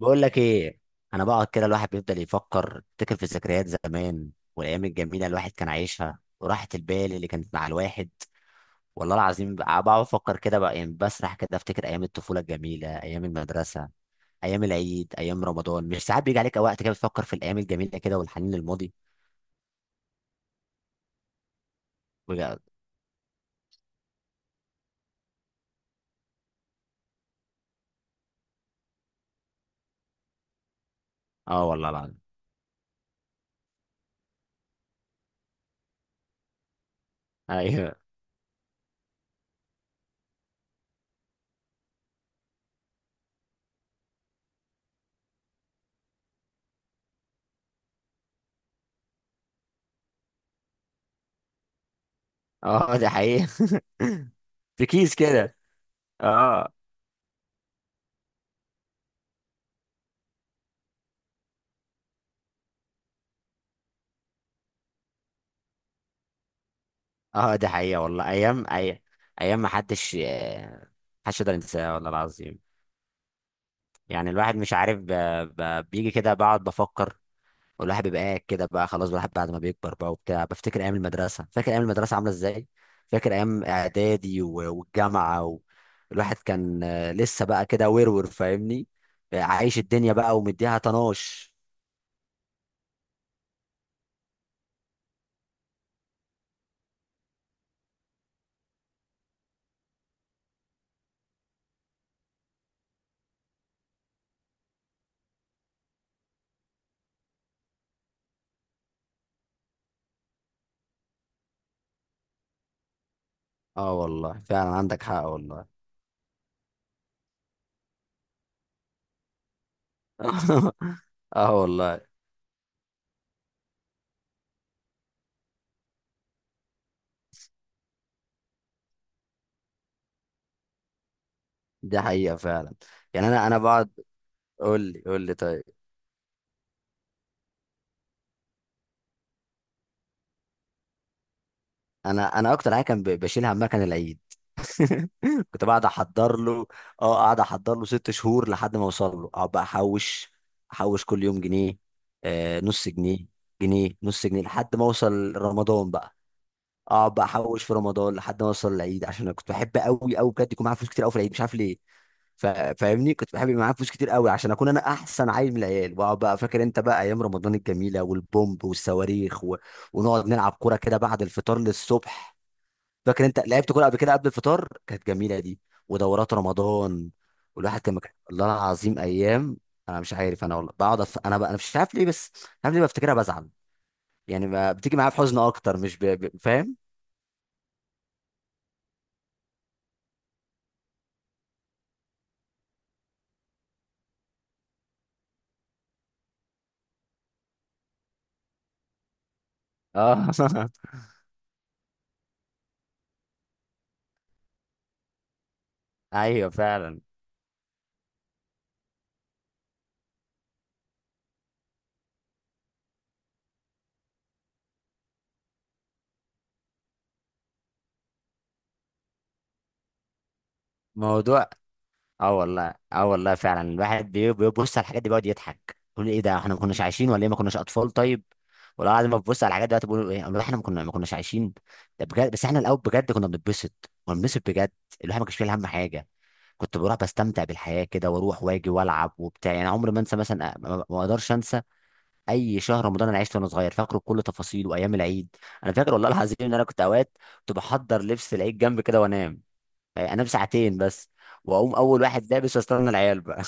بقول لك ايه. انا بقعد كده، الواحد بيفضل يفكر يفتكر في ذكريات زمان والايام الجميله الواحد كان عايشها وراحه البال اللي كانت مع الواحد. والله العظيم بقعد افكر كده بقى، يعني بسرح كده افتكر ايام الطفوله الجميله، ايام المدرسه، ايام العيد، ايام رمضان. مش ساعات بيجي عليك وقت كده بتفكر في الايام الجميله كده والحنين للماضي؟ بجد. اه والله العظيم. ايوه. اه دي حقيقه. في كيس كده. اه. اه دي حقيقه والله. ايام اي، ايام ما حدش محدش يقدر ينساها والله العظيم. يعني الواحد مش عارف بيجي كده بقعد بفكر. والواحد بيبقى قاعد كده بقى، خلاص الواحد بعد ما بيكبر بقى وبتاع بفتكر ايام المدرسه، فاكر ايام المدرسه عامله ازاي، فاكر ايام اعدادي والجامعه الواحد كان لسه بقى كده ورور، فاهمني؟ عايش الدنيا بقى ومديها طناش. اه والله فعلا عندك حق والله. اه والله دي حقيقه فعلا. يعني انا بقعد، قول لي قول لي طيب. انا اكتر حاجه كان بشيلها همها كان العيد. كنت بقعد احضر له. اه قاعد احضر له 6 شهور لحد ما اوصل له، اقعد بقى احوش، احوش كل يوم جنيه، آه نص جنيه، جنيه، نص جنيه، لحد ما اوصل رمضان بقى، اقعد بقى احوش في رمضان لحد ما اوصل العيد، عشان انا كنت بحب قوي قوي بجد يكون معايا فلوس كتير قوي في العيد، مش عارف ليه. فاهمني، كنت بحب يبقى معايا فلوس كتير قوي عشان اكون انا احسن عيل من العيال، واقعد بقى فاكر انت بقى ايام رمضان الجميله، والبومب والصواريخ ونقعد نلعب كوره كده بعد الفطار للصبح. فاكر انت لعبت كوره قبل كده قبل الفطار؟ كانت جميله دي، ودورات رمضان. والواحد كان والله العظيم ايام. انا مش عارف، انا والله بقعد انا مش عارف ليه، بس مش عارف ليه بفتكرها بزعل. يعني بتيجي معايا في حزن اكتر، مش فاهم؟ اه. ايوه فعلا. موضوع. اه والله، اه والله فعلا الواحد بيبص على الحاجات دي بيقعد يضحك يقول ايه ده، احنا ما كناش عايشين ولا ايه، ما كناش اطفال طيب؟ ولا بعد ما ببص على الحاجات دلوقتي بقول ايه والله، احنا ما كناش عايشين. ده بجد، بس احنا الاول بجد كنا بنتبسط، كنا بنتبسط بجد. الواحد ما كانش فيه هم حاجه، كنت بروح بستمتع بالحياه كده، واروح واجي والعب وبتاع. يعني عمري ما انسى مثلا، ما اقدرش انسى اي شهر رمضان انا عشته وانا صغير، فاكره بكل تفاصيله، وايام العيد. انا فاكر والله العظيم ان انا كنت اوقات كنت بحضر لبس العيد جنب كده وانام، يعني انام ساعتين بس واقوم اول واحد لابس واستنى العيال بقى.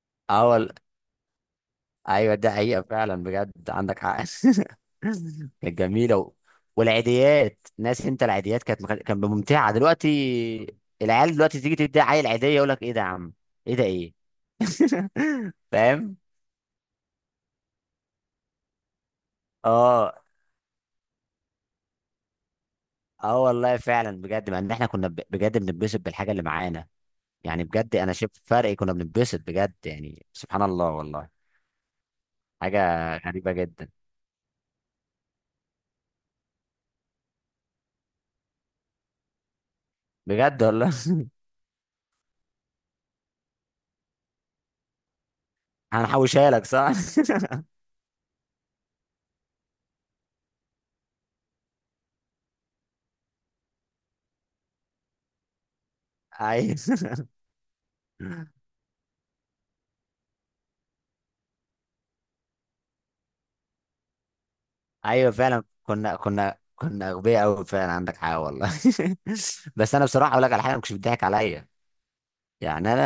اول، ايوه ده حقيقه فعلا بجد عندك حق. كانت جميله والعيديات، ناس انت العيديات كانت كانت ممتعه. دلوقتي العيال دلوقتي تيجي تدي عيل عيديه يقول لك ايه ده يا عم، ايه ده، ايه؟ فاهم؟ اه. اه والله فعلا بجد، مع ان احنا كنا بجد بنتبسط بالحاجه اللي معانا. يعني بجد انا شفت فرق، كنا بنتبسط بجد، يعني سبحان الله والله. حاجه غريبه جدا. بجد والله. هنحوشها لك، صح؟ ايوه. ايوه فعلا، كنا اغبياء قوي فعلا، عندك حق والله. بس انا بصراحه اقول لك على حاجه، ما كنتش بتضحك عليا. يعني انا،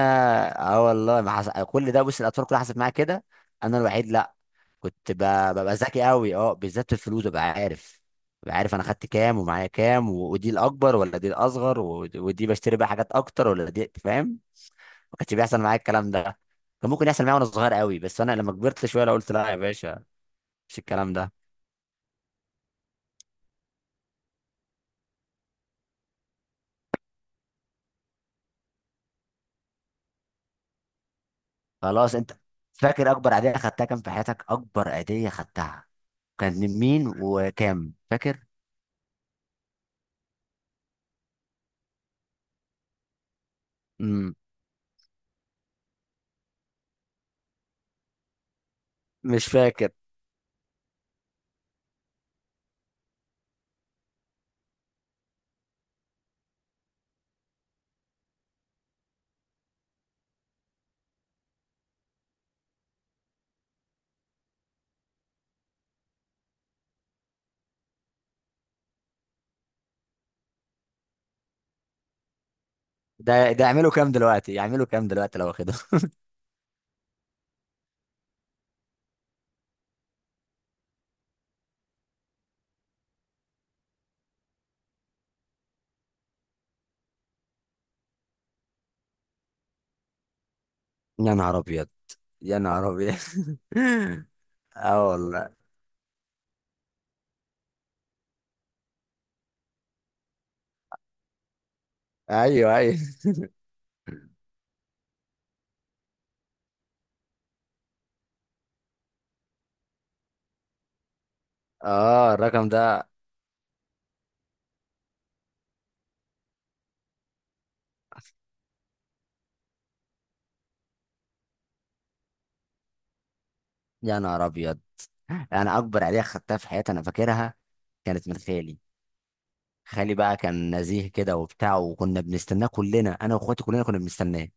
اه والله ما حس... كل ده، بص، الاطفال كلها حصلت معايا كده، انا الوحيد لا. كنت ب... ببقى ذكي قوي، اه بالذات في الفلوس، ببقى عارف، ببقى عارف انا خدت كام ومعايا كام ودي الاكبر ولا دي الاصغر ودي بشتري بقى حاجات اكتر ولا دي، فاهم؟ ما كانش بيحصل معايا الكلام ده. كان ممكن يحصل معايا وانا صغير قوي، بس انا لما كبرت شويه لا قلت لا يا باشا. مش الكلام ده. خلاص انت فاكر اكبر عيدية خدتها كام في حياتك؟ اكبر عيدية خدتها كانت من مين وكام، فاكر؟ امم، مش فاكر. ده يعملوا كام دلوقتي، يعملوا كام دلوقتي لو واخده؟ يا نهار ابيض. يا نهار ابيض. اه والله. ايوه ايوه. اه الرقم ده. يا نهار ابيض، انا اكبر عيدية خدتها في حياتي انا فاكرها، كانت من خالي. خالي بقى كان نزيه كده وبتاع، وكنا بنستناه كلنا، انا واخواتي كلنا كنا بنستناه.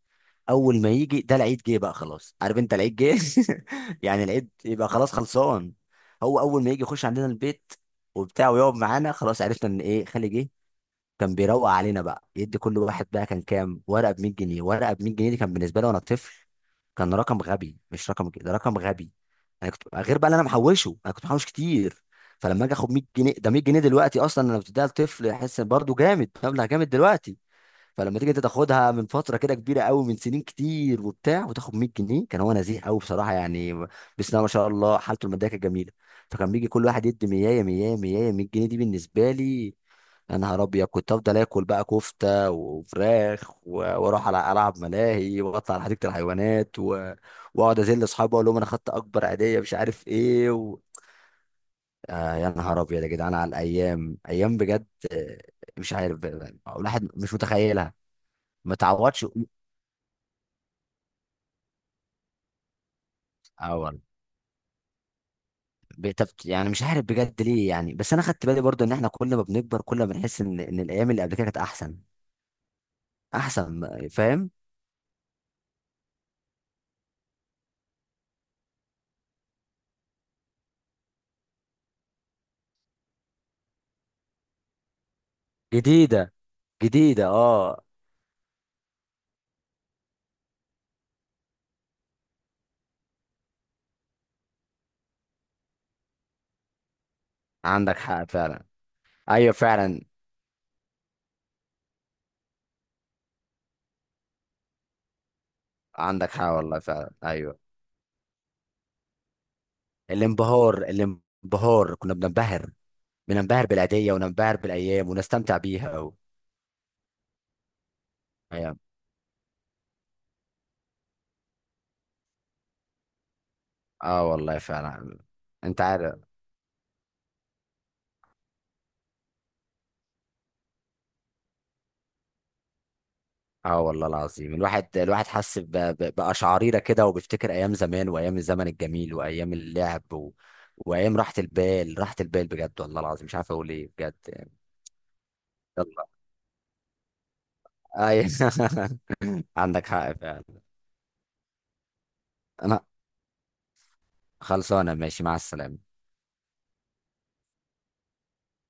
اول ما يجي ده، العيد جه بقى، خلاص عارف انت العيد جه. يعني العيد يبقى خلاص خلصان. هو اول ما يجي يخش عندنا البيت وبتاع ويقعد معانا، خلاص عرفنا ان ايه، خالي جه. كان بيروق علينا بقى يدي كل واحد بقى، كان كام ورقه ب 100 جنيه، ورقه ب 100 جنيه دي كان بالنسبه لي وانا طفل كان رقم غبي، مش رقم كده، ده رقم غبي. انا كنت غير بقى اللي انا محوشه، انا كنت محوش كتير. فلما اجي اخد 100 جنيه، ده 100 جنيه دلوقتي اصلا انا بتديها لطفل يحس برضه جامد، مبلغ جامد دلوقتي. فلما تيجي انت تاخدها من فتره كده كبيره قوي، من سنين كتير وبتاع، وتاخد 100 جنيه، كان هو نزيه قوي بصراحه يعني، بسم الله ما شاء الله حالته الماديه كانت جميله. فكان بيجي كل واحد يدي 100، 100، 100، 100 جنيه دي بالنسبه لي يا نهار ابيض. كنت افضل اكل بقى كفته وفراخ واروح على العب ملاهي واطلع على حديقه الحيوانات واقعد ازل اصحابي اقول لهم انا خدت اكبر عيديه مش عارف ايه آه يا نهار ابيض يا جدعان، على الايام، ايام بجد. مش عارف الواحد مش متخيلها. ما تعوضش قوت. اول يعني مش عارف بجد ليه يعني، بس انا خدت بالي برضو ان احنا كل ما بنكبر كل ما بنحس ان الايام اللي قبل كده كانت احسن، احسن، فاهم؟ جديده، جديده، اه. عندك حق فعلا. ايوه فعلا عندك حق والله. فعلا ايوه. الانبهار، الانبهار كنا بننبهر، بننبهر بالعيديه، وننبهر بالايام ونستمتع بيها ايام. اه والله فعلا. انت عارف، اه والله العظيم الواحد، الواحد حس بقشعريرة كده، وبيفتكر ايام زمان، وايام الزمن الجميل، وايام اللعب وايام راحة البال، راحة البال بجد والله العظيم، مش عارف اقول ايه بجد يعني. يلا. اي. عندك حق فعلا. انا خلصانه، ماشي مع السلامة.